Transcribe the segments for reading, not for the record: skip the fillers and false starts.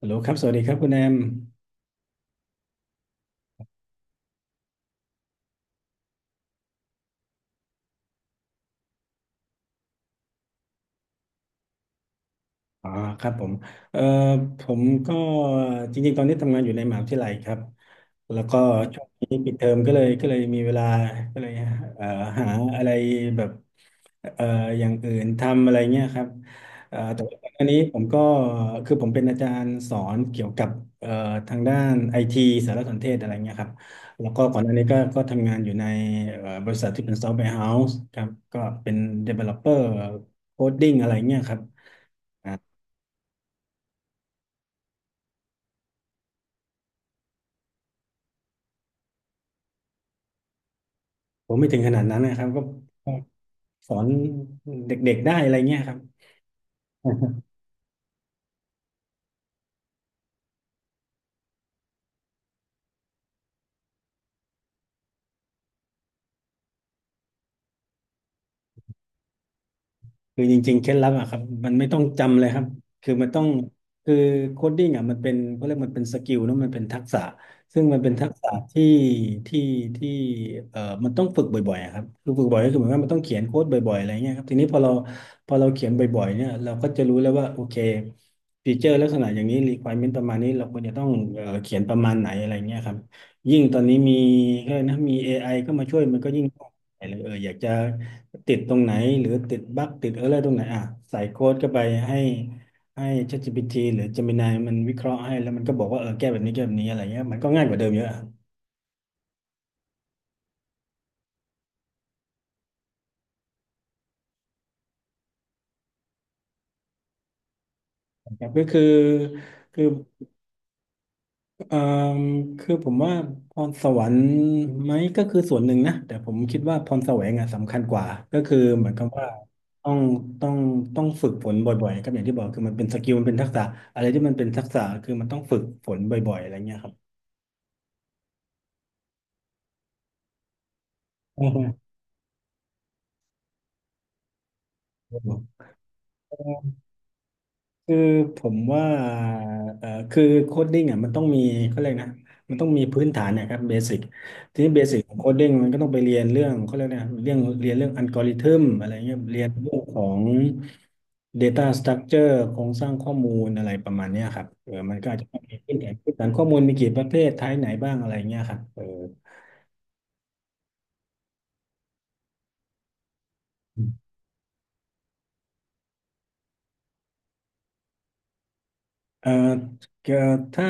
ฮัลโหลครับ สวัสดีครับคุณแอม อ๋อครับผมเอ่อผมก็จริงๆ ตอนนี้ทำงานอยู่ในมหาวิทยาลัยครับ แล้วก็ช่วงนี้ปิดเทอมก็เลยมีเวลาก็เลยเอ่อหาอะไรแบบเอ่ออย่างอื่นทำอะไรเงี้ยครับแต่ว่าอันนี้ผมก็คือผมเป็นอาจารย์สอนเกี่ยวกับเอ่อทางด้านไอทีสารสนเทศอะไรเงี้ยครับแล้วก็ก่อนหน้านี้ก็ทำงานอยู่ในบริษัทที่เป็นซอฟต์แวร์เฮาส์ครับก็เป็น developer coding อะไรเงี้ยครับ ผมไม่ถึงขนาดนั้นนะครับก็สอนเด็กๆได้อะไรเงี้ยครับ คือจริงๆเคล็ดลับอะครับมันไม่ต้องจำเลยครับคือมันต้องคือโคดดิ้งอะมันเป็นเขาเรียกมันเป็นสกิลเนอะมันเป็นทักษะซึ่งมันเป็นทักษะที่ที่มันต้องฝึกบ่อยๆอะครับคือฝึกบ่อยก็คือหมายความว่ามันต้องเขียนโค้ดบ่อยๆอะไรเงี้ยครับทีนี้พอเราเขียนบ่อยๆเนี่ยเราก็จะรู้แล้วว่าโอเคฟีเจอร์ลักษณะอย่างนี้ requirement ประมาณนี้เราควรจะต้องเขียนประมาณไหนอะไรเงี้ยครับยิ่งตอนนี้มีก็นะมี AI ก็มาช่วยมันก็ยิ่งง่ายเลยเอออยากจะ ติดตรงไหนหรือติดบั๊กติดเออร์เลอร์ตรงไหนอ่ะใส่โค้ดเข้าไปให้ให้ ChatGPT หรือ Gemini มันวิเคราะห์ให้แล้วมันก็บอกว่าเออแก้แบบนี้แก้แบบนี้อะไรเงี้ยมันก็ง่ายกว่าเดิมเยอะอะครับก็คือคือเอ่อคือผมว่าพรสวรรค์ไหมก็คือส่วนหนึ่งนะแต่ผมคิดว่าพรแสวงอ่ะสำคัญกว่าก็คือเหมือนกับว่าต้องต้องต้องฝึกฝนบ่อยๆครับอย่างที่บอกคือมันเป็นสกิลมันเป็นทักษะอะไรที่มันเป็นทักษะคือมันต้องฝึกฝนบ่อยๆอะไรเงี้ยครับอือฮึ คือผมว่าคือโคดดิ้งอ่ะมันต้องมีเขาเรียกนะมันต้องมีพื้นฐานนะครับเบสิกทีนี้เบสิกของโคดดิ้งมันก็ต้องไปเรียนเรื่องเขาเรียกนะเรื่องเรียนเรื่องอัลกอริทึมอะไรเงี้ยเรียนเรื่องของ Data Structure โครงสร้างข้อมูลอะไรประมาณเนี้ยครับเออมันก็อาจจะต้องมีพื้นฐานพื้นฐานข้อมูลมีกี่ประเภทไทป์ไหนบ้างอะไรเงี้ยครับเออ เอ่อเอ่อถ้า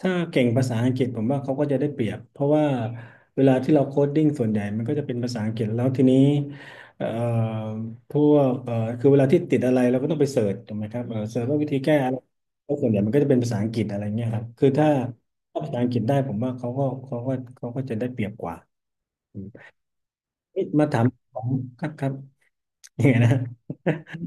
ถ้าเก่งภาษาอังกฤษผมว่าเขาก็จะได้เปรียบเพราะว่าเวลาที่เราโค้ดดิ้งส่วนใหญ่มันก็จะเป็นภาษาอังกฤษแล้วทีนี้เอ่อพวกคือเวลาที่ติดอะไรเราก็ต้องไปเสิร์ชถูกไหมครับเออเสิร์ชว่าวิธีแก้อะไรแล้วส่วนใหญ่มันก็จะเป็นภาษาอังกฤษอะไรเงี้ยครับคือถ้าภาษาอังกฤษได้ผมว่าเขาก็จะได้เปรียบกว่าอืมเอ๊ะมาถามผมครับครับยังไงนะ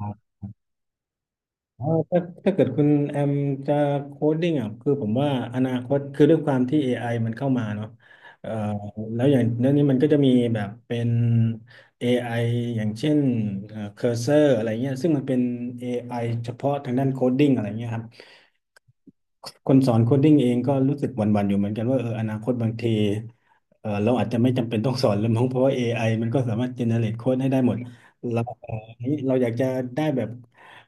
อ่า อ๋อถ้าเกิดคุณแอมจะโคดดิ้งอ่ะคือผมว่าอนาคตคือด้วยความที่ AI มันเข้ามาเนาะเอ่อแล้วอย่างเรื่องนี้มันก็จะมีแบบเป็น AI อไออย่างเช่นเคอร์เซอร์อะไรเงี้ยซึ่งมันเป็น AI เฉพาะทางด้านโคดดิ้งอะไรเงี้ยครับคนสอนโคดดิ้งเองก็รู้สึกหวั่นๆอยู่เหมือนกันว่าเอออนาคตบางที เออเราอาจจะไม่จำเป็นต้องสอนแล้วมั้งเพราะว่า AI มันก็สามารถเจเนเรตโค้ดให้ได้หมดเรานี่เราอยากจะได้แบบ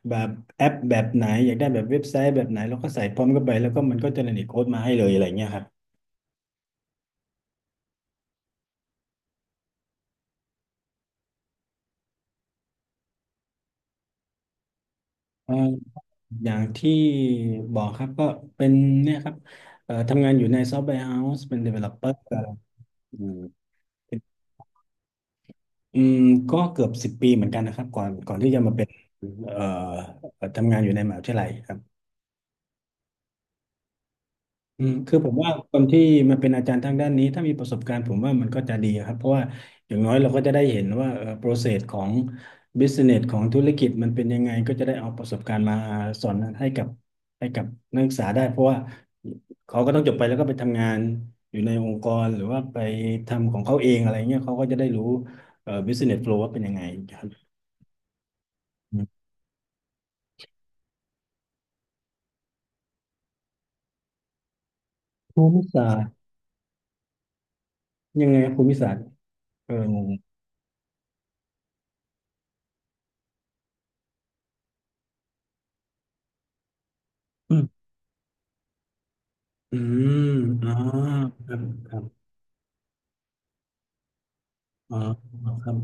แบบแอปแบบไหนอยากได้แบบเว็บไซต์แบบไหนเราก็ใส่พร้อมเข้าไปแล้วก็มันก็เจเนเรตโค้ดมาให้เลยอะไรเงี้ยครับเอออย่างที่บอกครับก็เป็นเนี่ยครับทำงานอยู่ในซอฟต์แวร์เฮาส์เป็น developer อืมอืมก็เกือบ10 ปีเหมือนกันนะครับก่อนที่จะมาเป็นเอ่อทำงานอยู่ในมหาวิทยาลัย อืมคือผมว่าคนที่มาเป็นอาจารย์ทางด้านนี้ถ้ามีประสบการณ์ผมว่ามันก็จะดีครับเพราะว่าอย่างน้อยเราก็จะได้เห็นว่าprocess ของ business ของธุรกิจมันเป็นยังไงก็จะได้เอาประสบการณ์มาสอนให้กับนักศึกษาได้เพราะว่าเขาก็ต้องจบไปแล้วก็ไปทำงานอยู่ในองค์กรหรือว่าไปทำของเขาเองอะไรเงี้ยเขาก็จะได้รู้business flow ว่าเป็นยังไงครับอืมภูมิศาสตร์ยังไงครับภูมิศาสตร์เอองงอืมอืมอ๋อครับ อ๋อครับครับ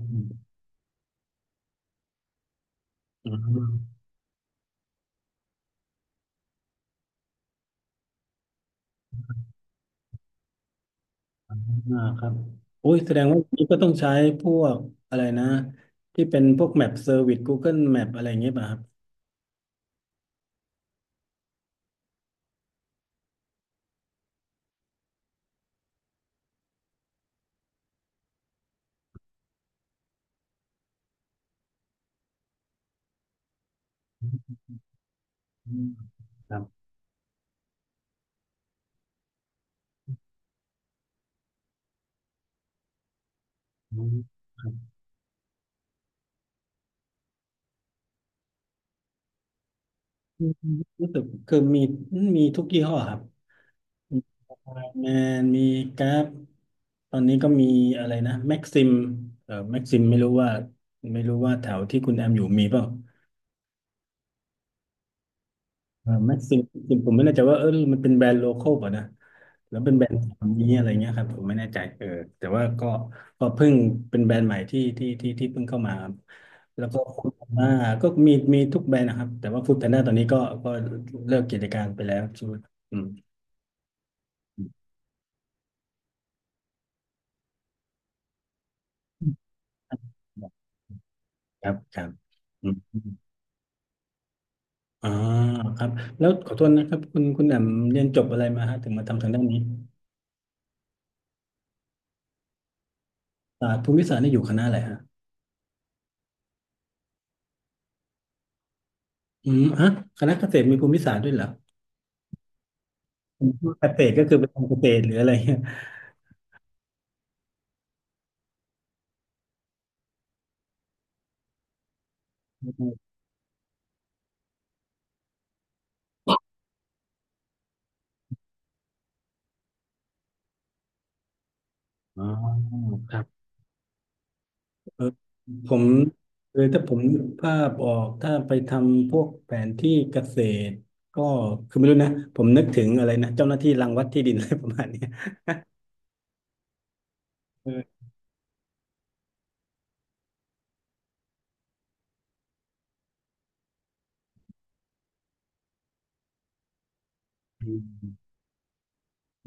อ๋ออ่าครับโอ้ยแสดงว่านี้ก็ต้องใช้พวกอะไรนะที่เป็นพวกแมปเซอร์วิส Google Map อะไรอย่างเงี้ยป่ะครับอืมครับอืมครับอืมรู้สึกคือมีมีทุกยี่ห้อครับมีแมนมีกราฟตอนนี้ก็มีอะไรนะแม็กซิมแม็กซิมไม่รู้ว่าไม่รู้ว่าแถวที่คุณแอมอยู่มีเปล่าเออแม็กซิมผมไม่แน่ใจว่าเออมันเป็นแบรนด์โลคอลป่ะนะ แล้วเป็นแบรนด์นี้อะไรเงี้ยครับผมไม่แน่ใจเออแต่ว่าก็ก็เพิ่งเป็นแบรนด์ใหม่ที่เพิ่งเข้ามาครับแล้วก็ฟู้ดแพนด้าก็มีมีทุกแบรนด์นะครับแต่ว่าฟู้ดแพนด้าตอนนี้ก็ก็เลิกกิจการไปแล้วใช่ไหมอืมอืมครับครับอืมอ่าครับแล้วขอโทษนะครับคุณคุณแหม่มเรียนจบอะไรมาฮะถึงมาทำทางด้านนี้ศาสตร์ภูมิศาสตร์นี่อยู่คณะอะไรฮะอืมฮะคณะเกษตรมีภูมิศาสตร์ด้วยเหรอผมว่าเกษตรก็คือไปนทำเกษตรหรืออะไรเงี้ยอ๋อครับ เออผมเออถ้าผมนึกภาพออกถ้าไปทำพวกแผนที่เกษตรก็คือไม่รู้นะผมนึกถึงอะไรนะเจ้าหน้าที่รังวัดที่ดิน อะไรประมาณเนี้ยเอออืม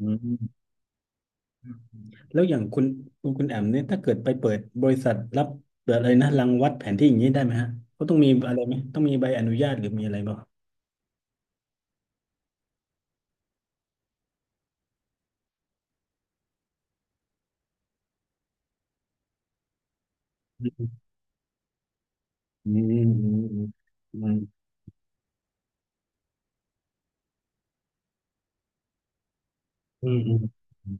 อืมแล้วอย่างคุณคุณคุณแอมเนี่ยถ้าเกิดไปเปิดบริษัทรับเปิดอะไรนะรังวัดแผนที่อย่างนี้ได้ไหมฮะเขาต้องมีอะไรไหมต้องมีใบอนุญาตหรือมีอะไรบ้างอืมอืมอืมอืมอืมอืม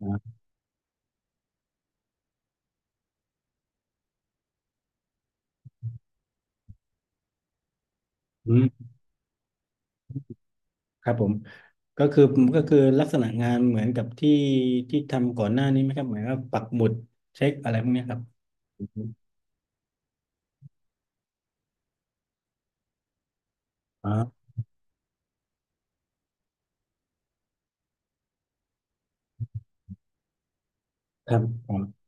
อืมอืมอืมครับผม ก็คือก็คือลักษณะงานเหมือนกับที่ที่ทำก่อนหน้านี้ไหมครับเหมือนกับปักหมุดเช็คอะไรพวกเนี้ยครับอืมอ๋อครับ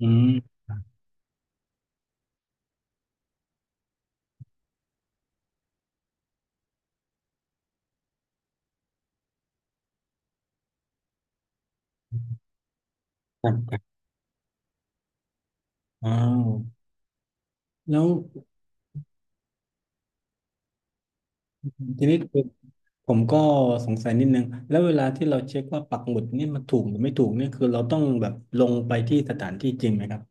อออืมครับครับอ้าวแล้วทีนี้คือผมก็สงสัยนิดนึงแล้วเวลาที่เราเช็คว่าปักหมุดเนี่ยมันถูกหรือไม่ถูกเนี่ยคือเราต้องแบบลงไปที่สถานที่จริงไหมครับ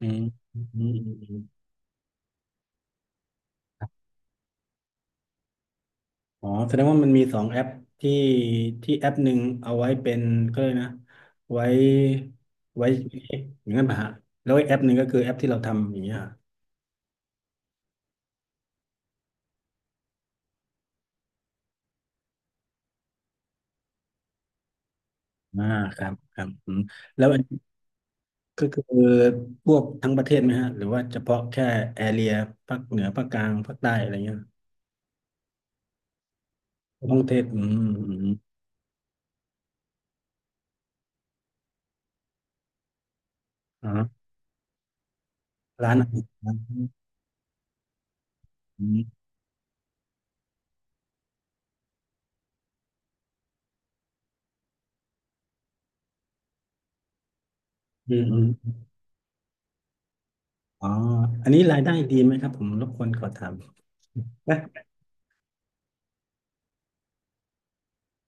อืมอืม อ๋อแสดงว่ามันมีสองแอปที่ที่แอปหนึ่งเอาไว้เป็นก็เลยกนะไว้ไว้เช็คอย่างนั้นป่ะฮะแล้วอีกแอปหนึ่งก็คือแอปที่เราทำอย่างเงี้ยฮะอ่าครับครับอืมแล้วอันนี้ก็คือพวกทั้งประเทศไหมฮะหรือว่าเฉพาะแค่แอเรียภาคเหนือภาคกลางภาคใต้อะไรเงี้ยท้องเทศอืมอืมอ๋อร้านอาหารอืมอืมอืมอ๋ออันนี้รายได้ดีไหมครับผมรบกวนขอถาม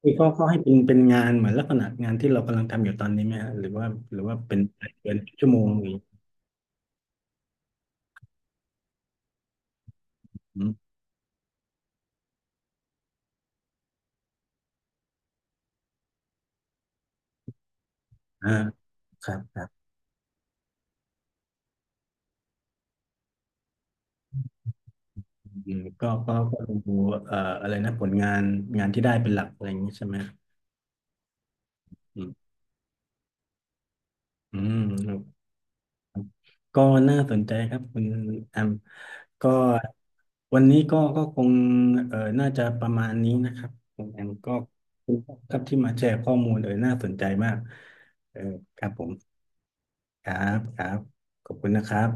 นี่เขาเขาให้เป็นเป็นงานเหมือนลักษณะงานที่เรากำลังทำอยู่ตอนนี้ไหมฮะหรือว่าหรือว่าเป็นเป็นชั่วโมงหรือย่างงี้อืมอ่าครับครับอืมก็ก็ก็ดูอะไรนะผลงานงานที่ได้เป็นหลักอะไรอย่างนี้ใช่ไหมอืมอืมครับก็น่าสนใจครับคุณแอมก็วันนี้ก็ก็คงน่าจะประมาณนี้นะครับคุณแอมก็ขอบคุณครับที่มาแชร์ข้อมูลเออน่าสนใจมากเออครับผมครับครับขอบคุณนะครับ